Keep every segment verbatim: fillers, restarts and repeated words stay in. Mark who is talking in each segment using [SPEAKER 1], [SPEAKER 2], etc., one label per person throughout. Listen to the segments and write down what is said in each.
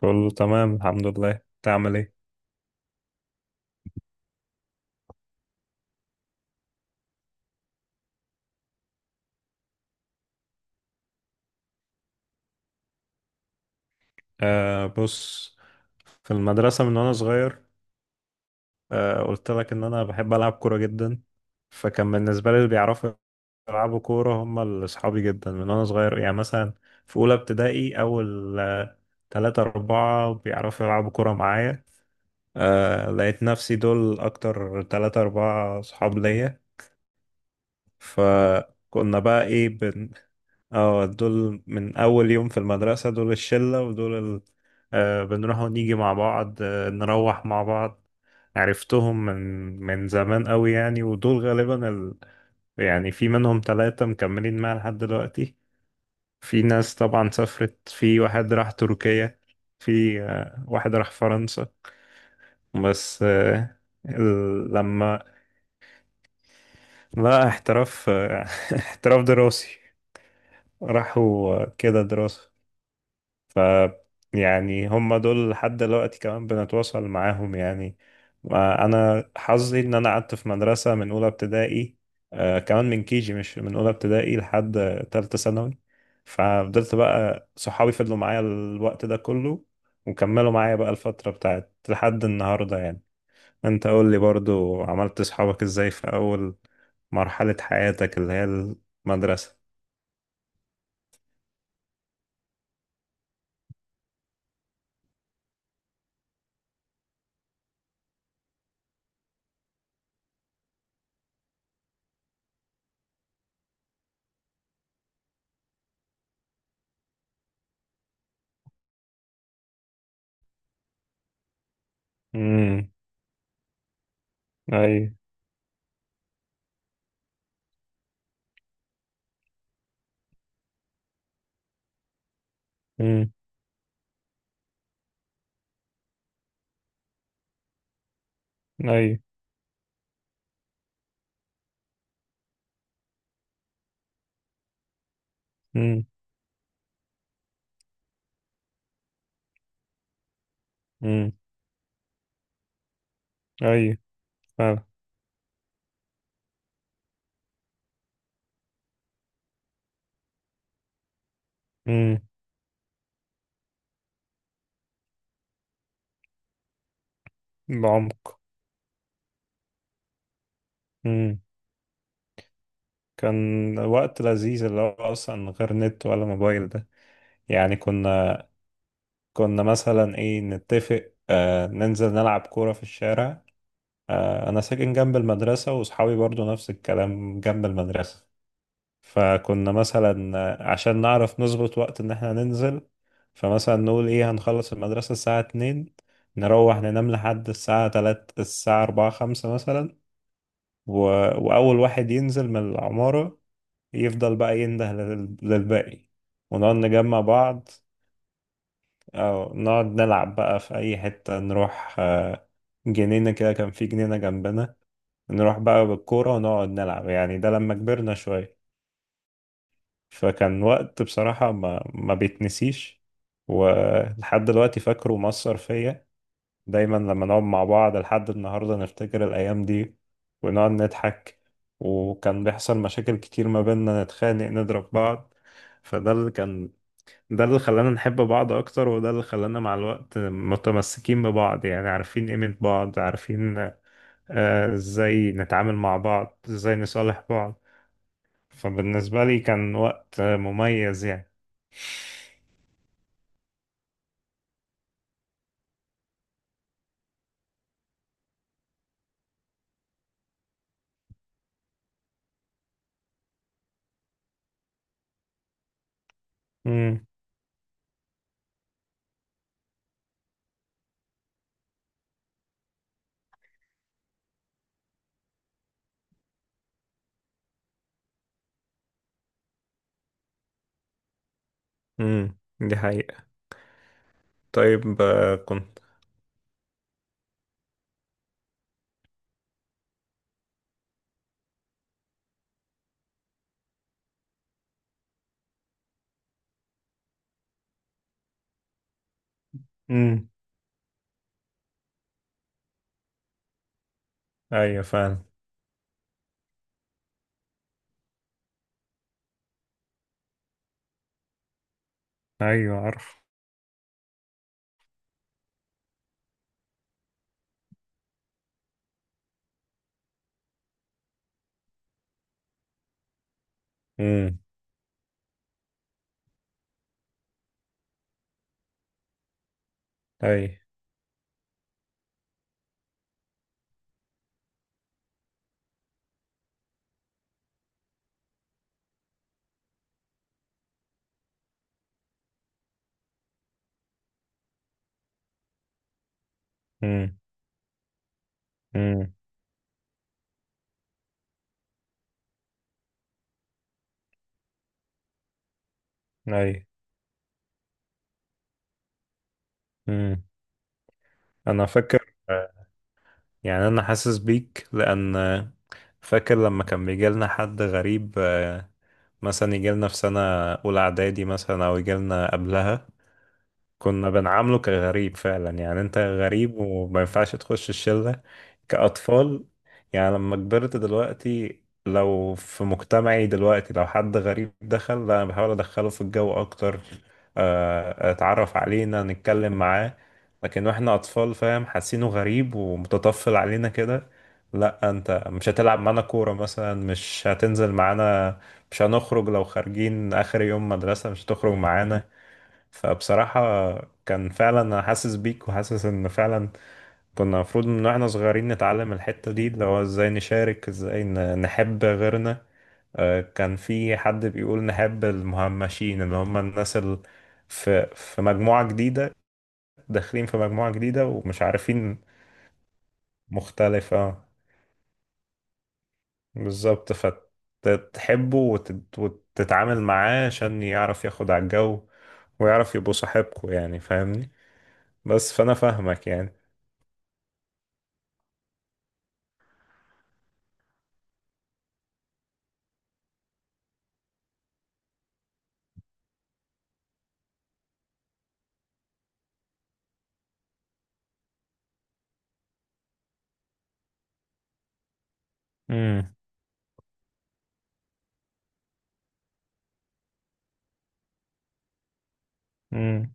[SPEAKER 1] كله تمام، الحمد لله. تعمل ايه؟ آه بص، في المدرسة من وانا صغير. آه قلت لك ان انا بحب العب كورة جدا، فكان بالنسبة لي اللي بيعرفوا يلعبوا كورة هم اللي اصحابي جدا من وانا صغير. يعني مثلا في اولى ابتدائي، اول آه، تلاتة اربعة بيعرفوا يلعبوا كورة معايا. آه لقيت نفسي دول اكتر تلاتة اربعة صحاب ليا. فكنا بقى ايه، اه دول من اول يوم في المدرسة، دول الشلة ودول ال... آه بنروح ونيجي مع بعض، آه نروح مع بعض. عرفتهم من من زمان قوي يعني، ودول غالبا ال... يعني في منهم ثلاثة مكملين معايا لحد دلوقتي. في ناس طبعا سافرت، في واحد راح تركيا، في آه واحد راح فرنسا. بس آه ال... لما... لا، احتراف آه احتراف دراسي. راحوا آه، كده دراسة. ف يعني هم دول لحد دلوقتي كمان بنتواصل معاهم يعني. انا حظي ان انا قعدت في مدرسة من اولى ابتدائي، آه كمان من كيجي، مش من اولى ابتدائي، لحد تالتة ثانوي. ففضلت بقى صحابي، فضلوا معايا الوقت ده كله وكملوا معايا بقى الفترة بتاعت لحد النهاردة يعني. انت قول لي برضو، عملت صحابك ازاي في اول مرحلة حياتك اللي هي المدرسة؟ امم. اي. امم. اي. امم. اي. فعلا. امم. بعمق. امم. كان وقت لذيذ، اللي هو اصلا من غير نت ولا موبايل ده. يعني كنا كنا مثلا ايه، نتفق آه ننزل نلعب كورة في الشارع. آه انا ساكن جنب المدرسة واصحابي برضو نفس الكلام، جنب المدرسة. فكنا مثلا آه، عشان نعرف نظبط وقت ان احنا ننزل. فمثلا نقول ايه، هنخلص المدرسة الساعة اتنين، نروح ننام لحد الساعة تلات، الساعة أربعة خمسة مثلا، و... وأول واحد ينزل من العمارة يفضل بقى ينده لل... للباقي ونقعد نجمع بعض. أو نقعد نلعب بقى في أي حتة، نروح آه، جنينة كده، كان في جنينة جنبنا، نروح بقى بالكورة ونقعد نلعب. يعني ده لما كبرنا شوية. فكان وقت بصراحة ما, ما بيتنسيش، ولحد دلوقتي فاكره، مأثر فيا. دايما لما نقعد مع بعض لحد النهاردة نفتكر الأيام دي ونقعد نضحك. وكان بيحصل مشاكل كتير ما بيننا، نتخانق، نضرب بعض. فده اللي كان، ده اللي خلانا نحب بعض أكتر وده اللي خلانا مع الوقت متمسكين ببعض. يعني عارفين قيمة بعض، عارفين آه، إزاي نتعامل مع بعض، إزاي نصالح بعض. فبالنسبة لي كان وقت آه، مميز يعني. امم. امم. دي حقيقة. طيب آه، كنت... امم. ايوه فاهم. ايوه عارف. امم. اي. امم. امم. اي. امم. انا فاكر آه، يعني انا حاسس بيك لان آه، فاكر لما كان بيجي لنا حد غريب آه، مثلا يجي لنا في سنة اولى اعدادي مثلا، او يجي لنا قبلها، كنا بنعامله كغريب فعلا. يعني انت غريب وما ينفعش تخش الشلة، كأطفال. يعني لما كبرت دلوقتي، لو في مجتمعي دلوقتي لو حد غريب دخل، لا، انا بحاول ادخله في الجو اكتر، آه، اتعرف علينا، نتكلم معاه. لكن واحنا اطفال، فاهم، حاسينه غريب ومتطفل علينا كده. لا، انت مش هتلعب معانا كورة مثلا، مش هتنزل معانا، مش هنخرج، لو خارجين اخر يوم مدرسة مش هتخرج معانا. فبصراحة كان فعلا أنا حاسس بيك، وحاسس إن فعلا كنا المفروض من واحنا صغيرين نتعلم الحتة دي، اللي هو إزاي نشارك، إزاي ن- نحب غيرنا. آه، كان في حد بيقول نحب المهمشين اللي هم الناس اللي في في مجموعة جديدة، داخلين في مجموعة جديدة ومش عارفين. مختلف، اه. بالظبط، فتحبه وتت- وتتعامل معاه عشان يعرف ياخد على الجو، ويعرف يبقوا صاحبكوا. يعني فاهمني؟ بس فأنا فاهمك يعني. مم. مم.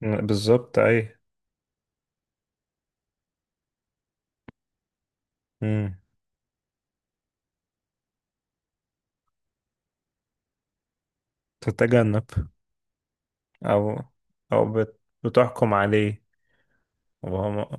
[SPEAKER 1] بالظبط. أي. مم. تتجنب. أو، أو بت... بتحكم عليه. وهو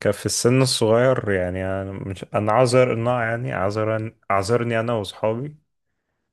[SPEAKER 1] كان في السن الصغير. يعني أنا مش، أنا عذر إنه يعني عذرا، عذرني أنا وأصحابي،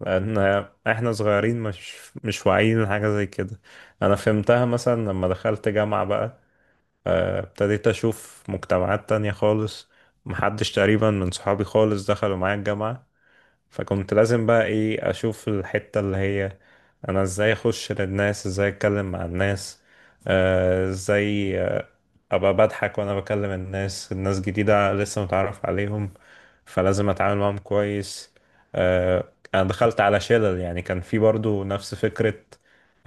[SPEAKER 1] لأن إحنا صغيرين، مش مش واعيين لحاجة زي كده. أنا فهمتها مثلا لما دخلت جامعة بقى، آه، ابتديت أشوف مجتمعات تانية خالص. محدش تقريبا من صحابي خالص دخلوا معايا الجامعة، فكنت لازم بقى ايه اشوف الحتة اللي هي انا ازاي اخش للناس، ازاي اتكلم مع الناس، آه، ازاي آه، ابقى بضحك وانا بكلم الناس، الناس جديدة لسه متعرف عليهم، فلازم اتعامل معاهم كويس. آه، انا دخلت على شلل، يعني كان في برضو نفس فكرة.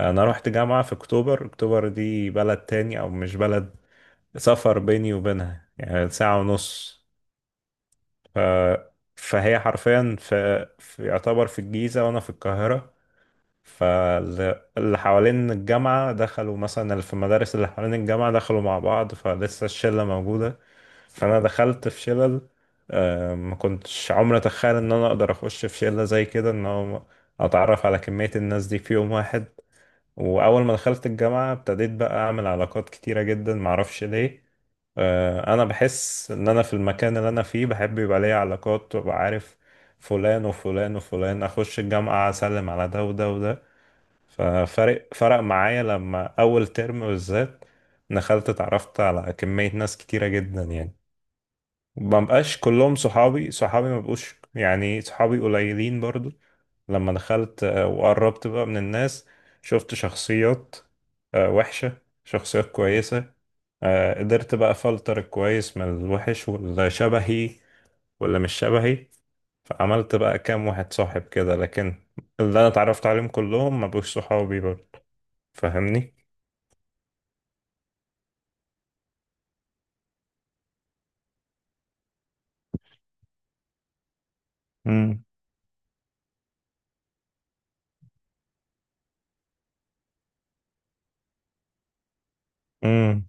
[SPEAKER 1] انا رحت جامعة في اكتوبر. اكتوبر دي بلد تاني، او مش بلد، سفر بيني وبينها يعني ساعة ونص. ف... فهي حرفيا في... في يعتبر في الجيزة وأنا في القاهرة. فاللي حوالين الجامعة دخلوا مثلا، اللي في المدارس اللي حوالين الجامعة دخلوا مع بعض، فلسه الشلة موجودة. فأنا دخلت في شلل، آه، ما كنتش عمري أتخيل إن أنا أقدر أخش في شلة زي كده، إن هو أتعرف على كمية الناس دي في يوم واحد. واول ما دخلت الجامعه ابتديت بقى اعمل علاقات كتيره جدا معرفش ليه. آه، انا بحس ان انا في المكان اللي انا فيه بحب يبقى ليا علاقات وابقى عارف فلان وفلان وفلان، اخش الجامعه اسلم على ده وده وده. ففرق فرق معايا لما اول ترم بالذات دخلت، اتعرفت على كميه ناس كتيره جدا يعني. ما بقاش كلهم صحابي، صحابي ما بقوش، يعني صحابي قليلين برضو. لما دخلت آه، وقربت بقى من الناس، شفت شخصيات آه، وحشة، شخصيات كويسة، آه، قدرت بقى أفلتر الكويس من الوحش، واللي شبهي واللي مش شبهي. فعملت بقى كام واحد صاحب كده، لكن اللي أنا اتعرفت عليهم كلهم ما بقوش صحابي برضه. فاهمني؟ امم. امم.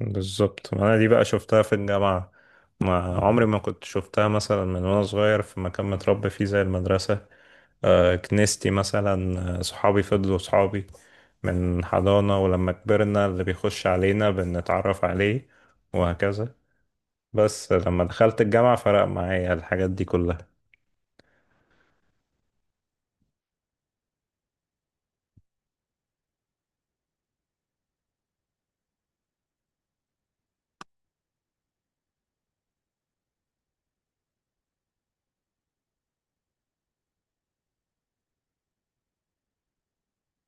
[SPEAKER 1] بالظبط. ما انا دي بقى شفتها في الجامعة، ما عمري ما كنت شفتها مثلا من وانا صغير في مكان متربي فيه زي المدرسة. آه، كنيستي مثلا، آه، صحابي فضلوا صحابي من حضانة، ولما كبرنا اللي بيخش علينا بنتعرف عليه وهكذا. بس لما دخلت الجامعة فرق معايا الحاجات دي كلها.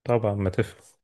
[SPEAKER 1] طبعا، ما تفهم.